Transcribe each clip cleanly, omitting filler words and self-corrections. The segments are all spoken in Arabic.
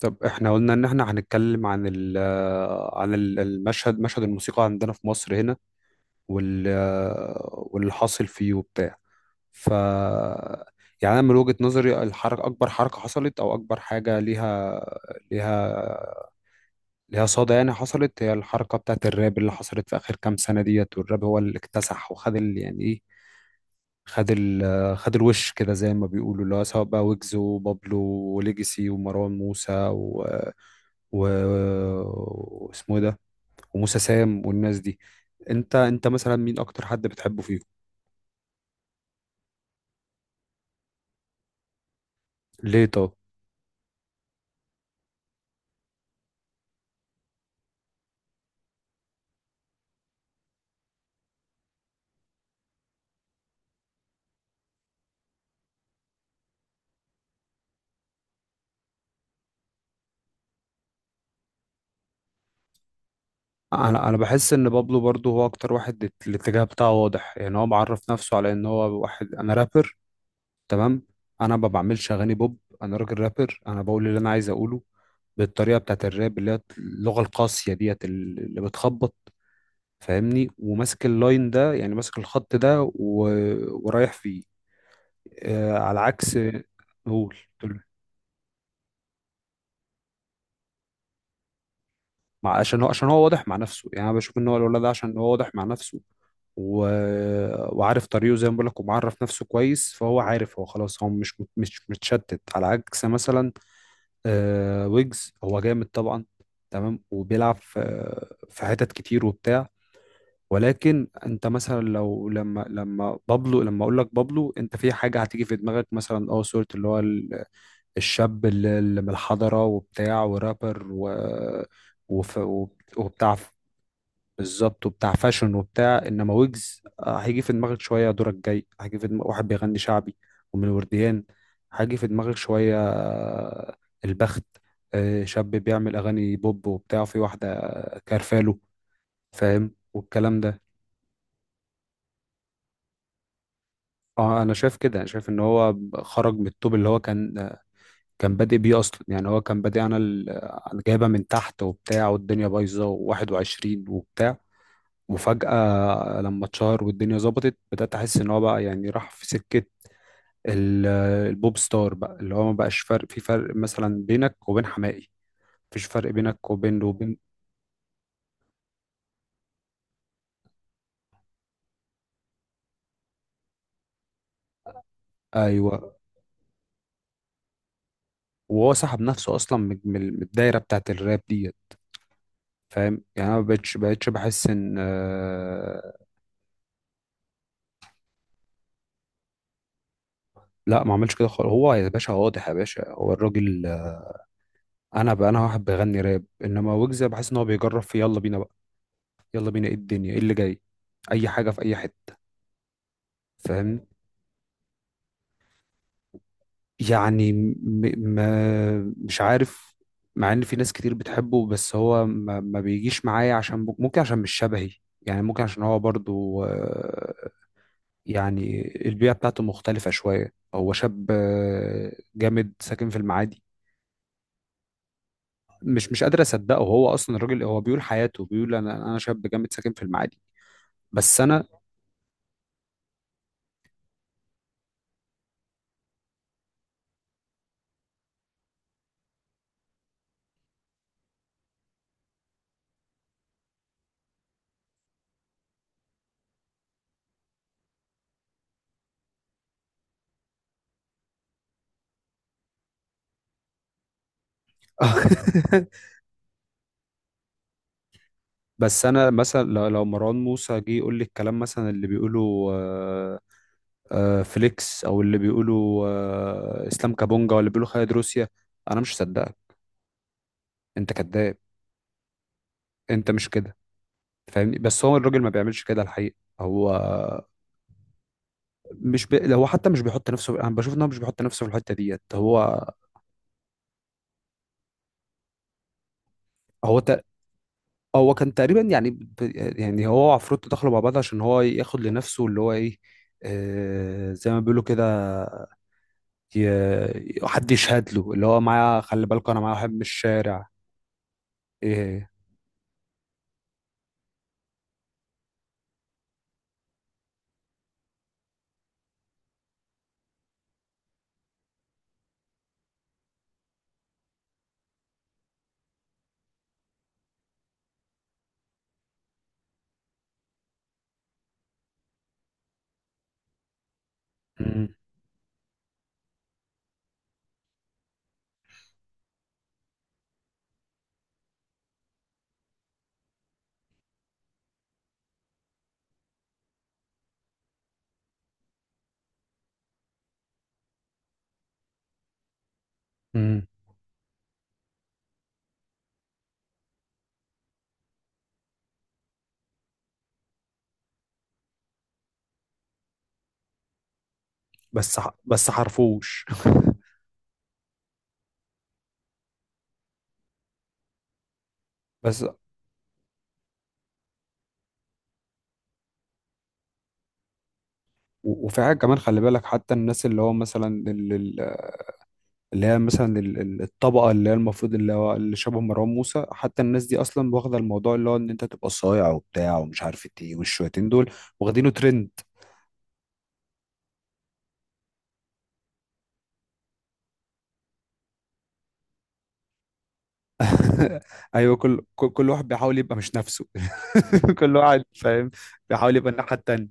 طب احنا قلنا ان احنا هنتكلم عن المشهد، مشهد الموسيقى عندنا في مصر هنا. وال واللي حاصل فيه وبتاع. ف يعني انا من وجهة نظري، الحركة، اكبر حركة حصلت او اكبر حاجة ليها ليها صدى يعني حصلت، هي الحركة بتاعت الراب اللي حصلت في اخر كام سنة ديت. والراب هو اللي اكتسح وخد ال- يعني ايه خد ال خد الوش كده زي ما بيقولوا، اللي هو سواء بقى ويجز، وبابلو، وليجاسي، ومروان موسى، و و واسمه إيه ده، وموسى سام، والناس دي. انت مثلا مين اكتر حد بتحبه فيهم؟ ليه طب؟ انا بحس ان بابلو برضو هو اكتر واحد، الاتجاه بتاعه واضح يعني، هو معرف نفسه على ان هو واحد، انا رابر، تمام، انا ما بعملش اغاني بوب، انا راجل رابر، انا بقول اللي انا عايز اقوله بالطريقه بتاعت الراب اللي هي اللغه القاسيه ديت اللي بتخبط. فاهمني؟ وماسك اللاين ده يعني، ماسك الخط ده و... ورايح فيه. آه، على عكس، قول، قول. عشان هو، عشان هو واضح مع نفسه، يعني انا بشوف ان هو الولد ده عشان هو واضح مع نفسه و... وعارف طريقه زي ما بقول لك، ومعرف نفسه كويس، فهو عارف، هو خلاص هو مش متشتت على عكس مثلا آه ويجز. هو جامد طبعا، تمام، وبيلعب في في حتت كتير وبتاع، ولكن انت مثلا لو لما لما بابلو، لما اقول لك بابلو، انت في حاجه هتيجي في دماغك مثلا، اه صوره، اللي هو الشاب اللي من الحضره وبتاع، ورابر وبتاع. بالظبط، وبتاع فاشن وبتاع. انما ويجز آه، هيجي في دماغك شويه، دورك جاي، هيجي في دماغك واحد بيغني شعبي ومن الورديان، هيجي في دماغك شويه آه، البخت، آه، شاب بيعمل اغاني بوب وبتاع في واحده كارفالو، فاهم والكلام ده. اه انا شايف كده، انا شايف ان هو خرج من الطوب اللي هو كان بادئ بيه اصلا، يعني هو كان بادئ، انا أنا جايبه من تحت وبتاع، والدنيا بايظه و21 وبتاع، وفجاه لما اتشهر والدنيا ظبطت بدات احس ان هو بقى يعني راح في سكه ال- البوب ستار بقى، اللي هو ما بقاش فرق، في فرق مثلا بينك وبين حماقي، مفيش فرق بينك وبين. ايوه. وهو سحب نفسه اصلا من الدايره بتاعت الراب ديت، فاهم يعني. انا ما بقتش بحس ان. لا ما عملش كده خالص، هو يا باشا واضح، يا باشا هو الراجل. انا بقى انا واحد بغني راب، انما ويجز بحس ان هو بيجرب في، يلا بينا بقى، يلا بينا ايه الدنيا، ايه اللي جاي، اي حاجه في اي حته. فاهم؟ يعني م... ما مش عارف، مع ان في ناس كتير بتحبه، بس هو ما بيجيش معايا، عشان ممكن، عشان مش شبهي يعني. ممكن عشان هو برضو آه، يعني البيئه بتاعته مختلفه شويه، هو شاب آه، جامد ساكن في المعادي. مش قادر اصدقه، هو اصلا الراجل هو بيقول حياته، بيقول انا شاب جامد ساكن في المعادي، بس انا بس انا مثلا لو مروان موسى جه يقول لي الكلام مثلا اللي بيقوله آه، آه، فليكس، او اللي بيقوله آه، اسلام كابونجا، ولا بيقوله خالد روسيا، انا مش هصدقك، انت كذاب، انت مش كده. فاهمني؟ بس هو الراجل ما بيعملش كده الحقيقه. هو هو حتى مش بيحط نفسه، انا بشوف ان هو مش بيحط نفسه في الحته ديت. هو هو كان تقريبا يعني هو وعفروتو دخلوا مع بعض عشان هو ياخد لنفسه اللي هو ايه، آه زي ما بيقولوا كده، حد يشهد له، اللي هو معايا، خلي بالكوا انا معايا واحد من الشارع. ايه؟ مم. مم. بس حرفوش بس وفي حاجة كمان، خلي بالك حتى الناس اللي هو مثلا اللي هي مثلا الطبقة اللي هي المفروض اللي هو اللي شبه مروان موسى، حتى الناس دي أصلا واخدة الموضوع اللي هو إن أنت تبقى صايع وبتاع ومش عارف إيه، والشويتين دول واخدينه ترند. ايوه، كل واحد بيحاول يبقى مش نفسه. كل واحد فاهم بيحاول يبقى الناحيه التانيه.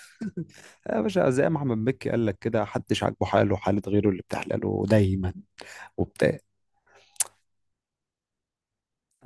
يا باشا زي ما احمد مكي قال لك كده، حدش عاجبه حاله، حاله غيره اللي بتحلاله دايما وبتاع.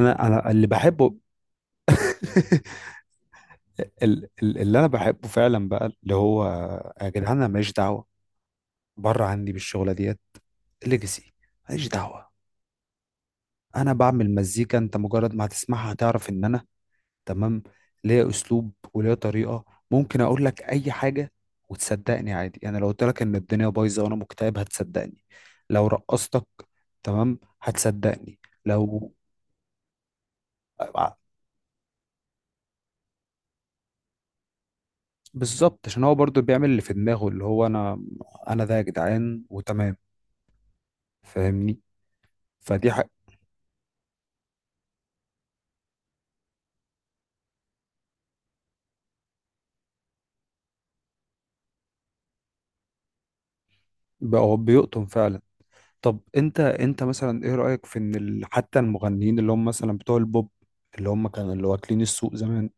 انا اللي بحبه. اللي انا بحبه فعلا بقى، اللي هو، يا جدعان انا ماليش دعوه، بره عني بالشغله ديت. ليجاسي، ماليش دعوه، انا بعمل مزيكا، انت مجرد ما هتسمعها هتعرف ان انا، تمام، ليا اسلوب وليا طريقه. ممكن اقول لك اي حاجه وتصدقني عادي يعني، لو قلت لك ان الدنيا بايظه وانا مكتئب هتصدقني، لو رقصتك تمام هتصدقني. لو بالظبط، عشان هو برضو بيعمل اللي في دماغه، اللي هو انا، انا ده يا جدعان وتمام. فاهمني؟ فدي حق بقى، هو بيقطن فعلا. طب انت مثلا ايه رايك في ان حتى المغنيين اللي هم مثلا بتوع البوب، اللي هم كانوا اللي واكلين السوق زمان،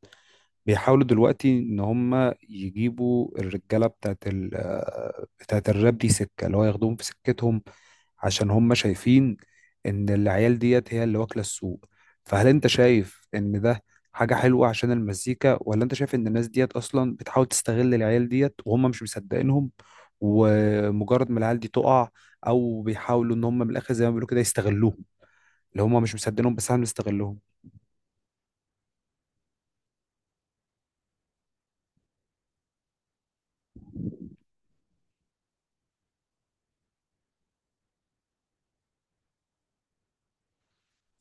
بيحاولوا دلوقتي ان هم يجيبوا الرجاله بتاعت ال آه، بتاعت الراب دي سكه، اللي هو ياخدوهم في سكتهم عشان هم شايفين ان العيال ديت هي اللي واكله السوق. فهل انت شايف ان ده حاجه حلوه عشان المزيكا، ولا انت شايف ان الناس ديت اصلا بتحاول تستغل العيال ديت وهم مش مصدقينهم، ومجرد ما العيال دي تقع، او بيحاولوا ان هم من الاخر زي ما بيقولوا كده يستغلوهم، اللي هم مش مصدقينهم بس احنا بنستغلهم؟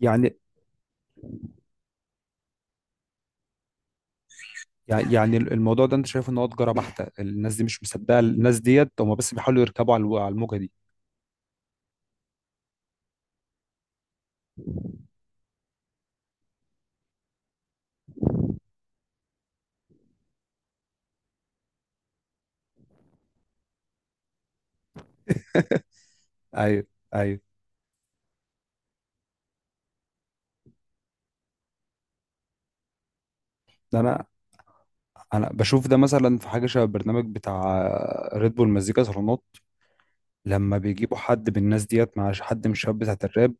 يعني يعني الموضوع ده انت شايف ان هو تجاره بحته، الناس دي مش مصدقه، الناس ديت هم بس بيحاولوا يركبوا على على الموجه دي. ايوه، ايوه. ده انا انا بشوف ده مثلا في حاجه شبه البرنامج بتاع ريد بول مزيكا صالونات، لما بيجيبوا حد من الناس ديت مع حد من الشباب بتاعت الراب،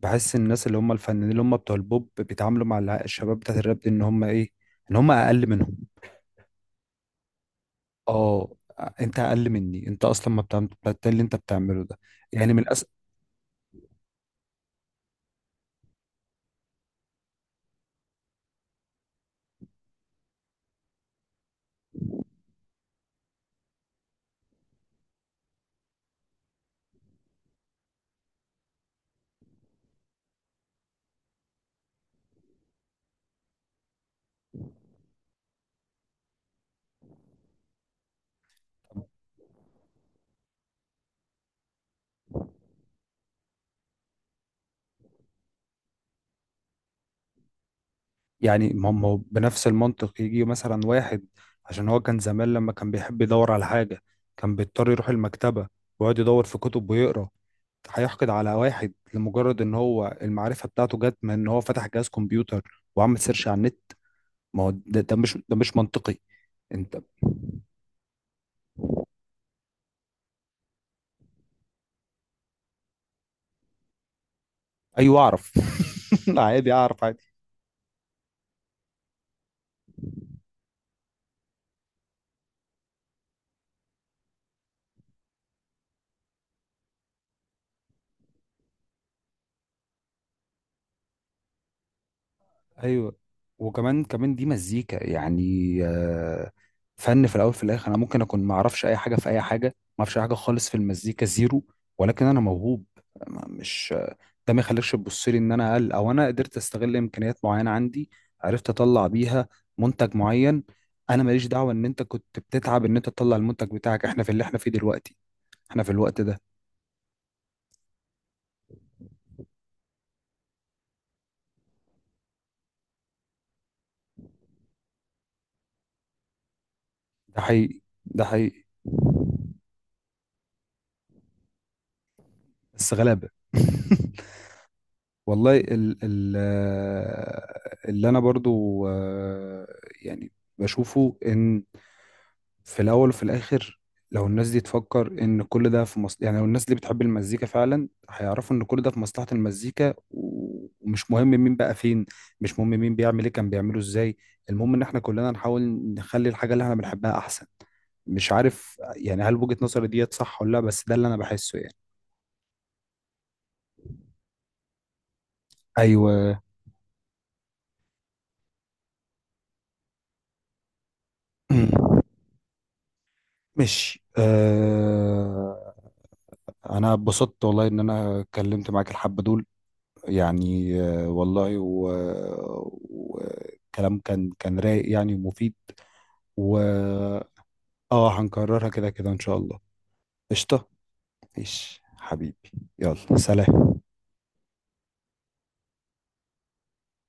بحس الناس اللي هم الفنانين اللي هم بتوع البوب بيتعاملوا مع الشباب بتاعت الراب دي ان هم ايه، ان هم اقل منهم. اه انت اقل مني، انت اصلا ما بتعمل بتاع اللي انت بتعمله ده، يعني من الاسف. يعني ما هم بنفس المنطق، يجي مثلا واحد عشان هو كان زمان لما كان بيحب يدور على حاجة كان بيضطر يروح المكتبة ويقعد يدور في كتب ويقرا، هيحقد على واحد لمجرد ان هو المعرفة بتاعته جت من ان هو فتح جهاز كمبيوتر وعمل سيرش على النت؟ ما هو ده مش منطقي. انت، ايوه اعرف. عادي اعرف. ايوه. وكمان دي مزيكا يعني، آه، فن في الاول في الاخر. انا ممكن اكون ما اعرفش اي حاجه في اي حاجه، ما اعرفش أي حاجه خالص في المزيكا، زيرو، ولكن انا موهوب. ما- مش ده ما يخليكش تبص لي ان انا اقل، او انا قدرت استغل امكانيات معينه عندي عرفت اطلع بيها منتج معين. انا ماليش دعوه ان انت كنت بتتعب ان انت تطلع المنتج بتاعك، احنا في اللي احنا فيه دلوقتي، احنا في الوقت ده. ده حقيقي، ده حقيقي، بس غلابه. والله ال ال آه، اللي انا برضو آه، يعني بشوفه، ان في الاول وفي الاخر، لو الناس دي تفكر ان كل ده في مصلحة، يعني لو الناس دي بتحب المزيكا فعلا هيعرفوا ان كل ده في مصلحة المزيكا، ومش مهم مين بقى فين، مش مهم مين بيعمل ايه، كان بيعمله ازاي، المهم ان احنا كلنا نحاول نخلي الحاجة اللي احنا بنحبها احسن. مش عارف يعني، هل وجهة نظري ديت صح ولا لا، بس ده اللي انا بحسه يعني. ايوه. ماشي آه، انا اتبسطت والله ان انا اتكلمت معاك الحبة دول، يعني آه، والله وكلام كان كان رايق يعني ومفيد. و اه هنكررها كده كده ان شاء الله. قشطة. ايش حبيبي، يلا سلام.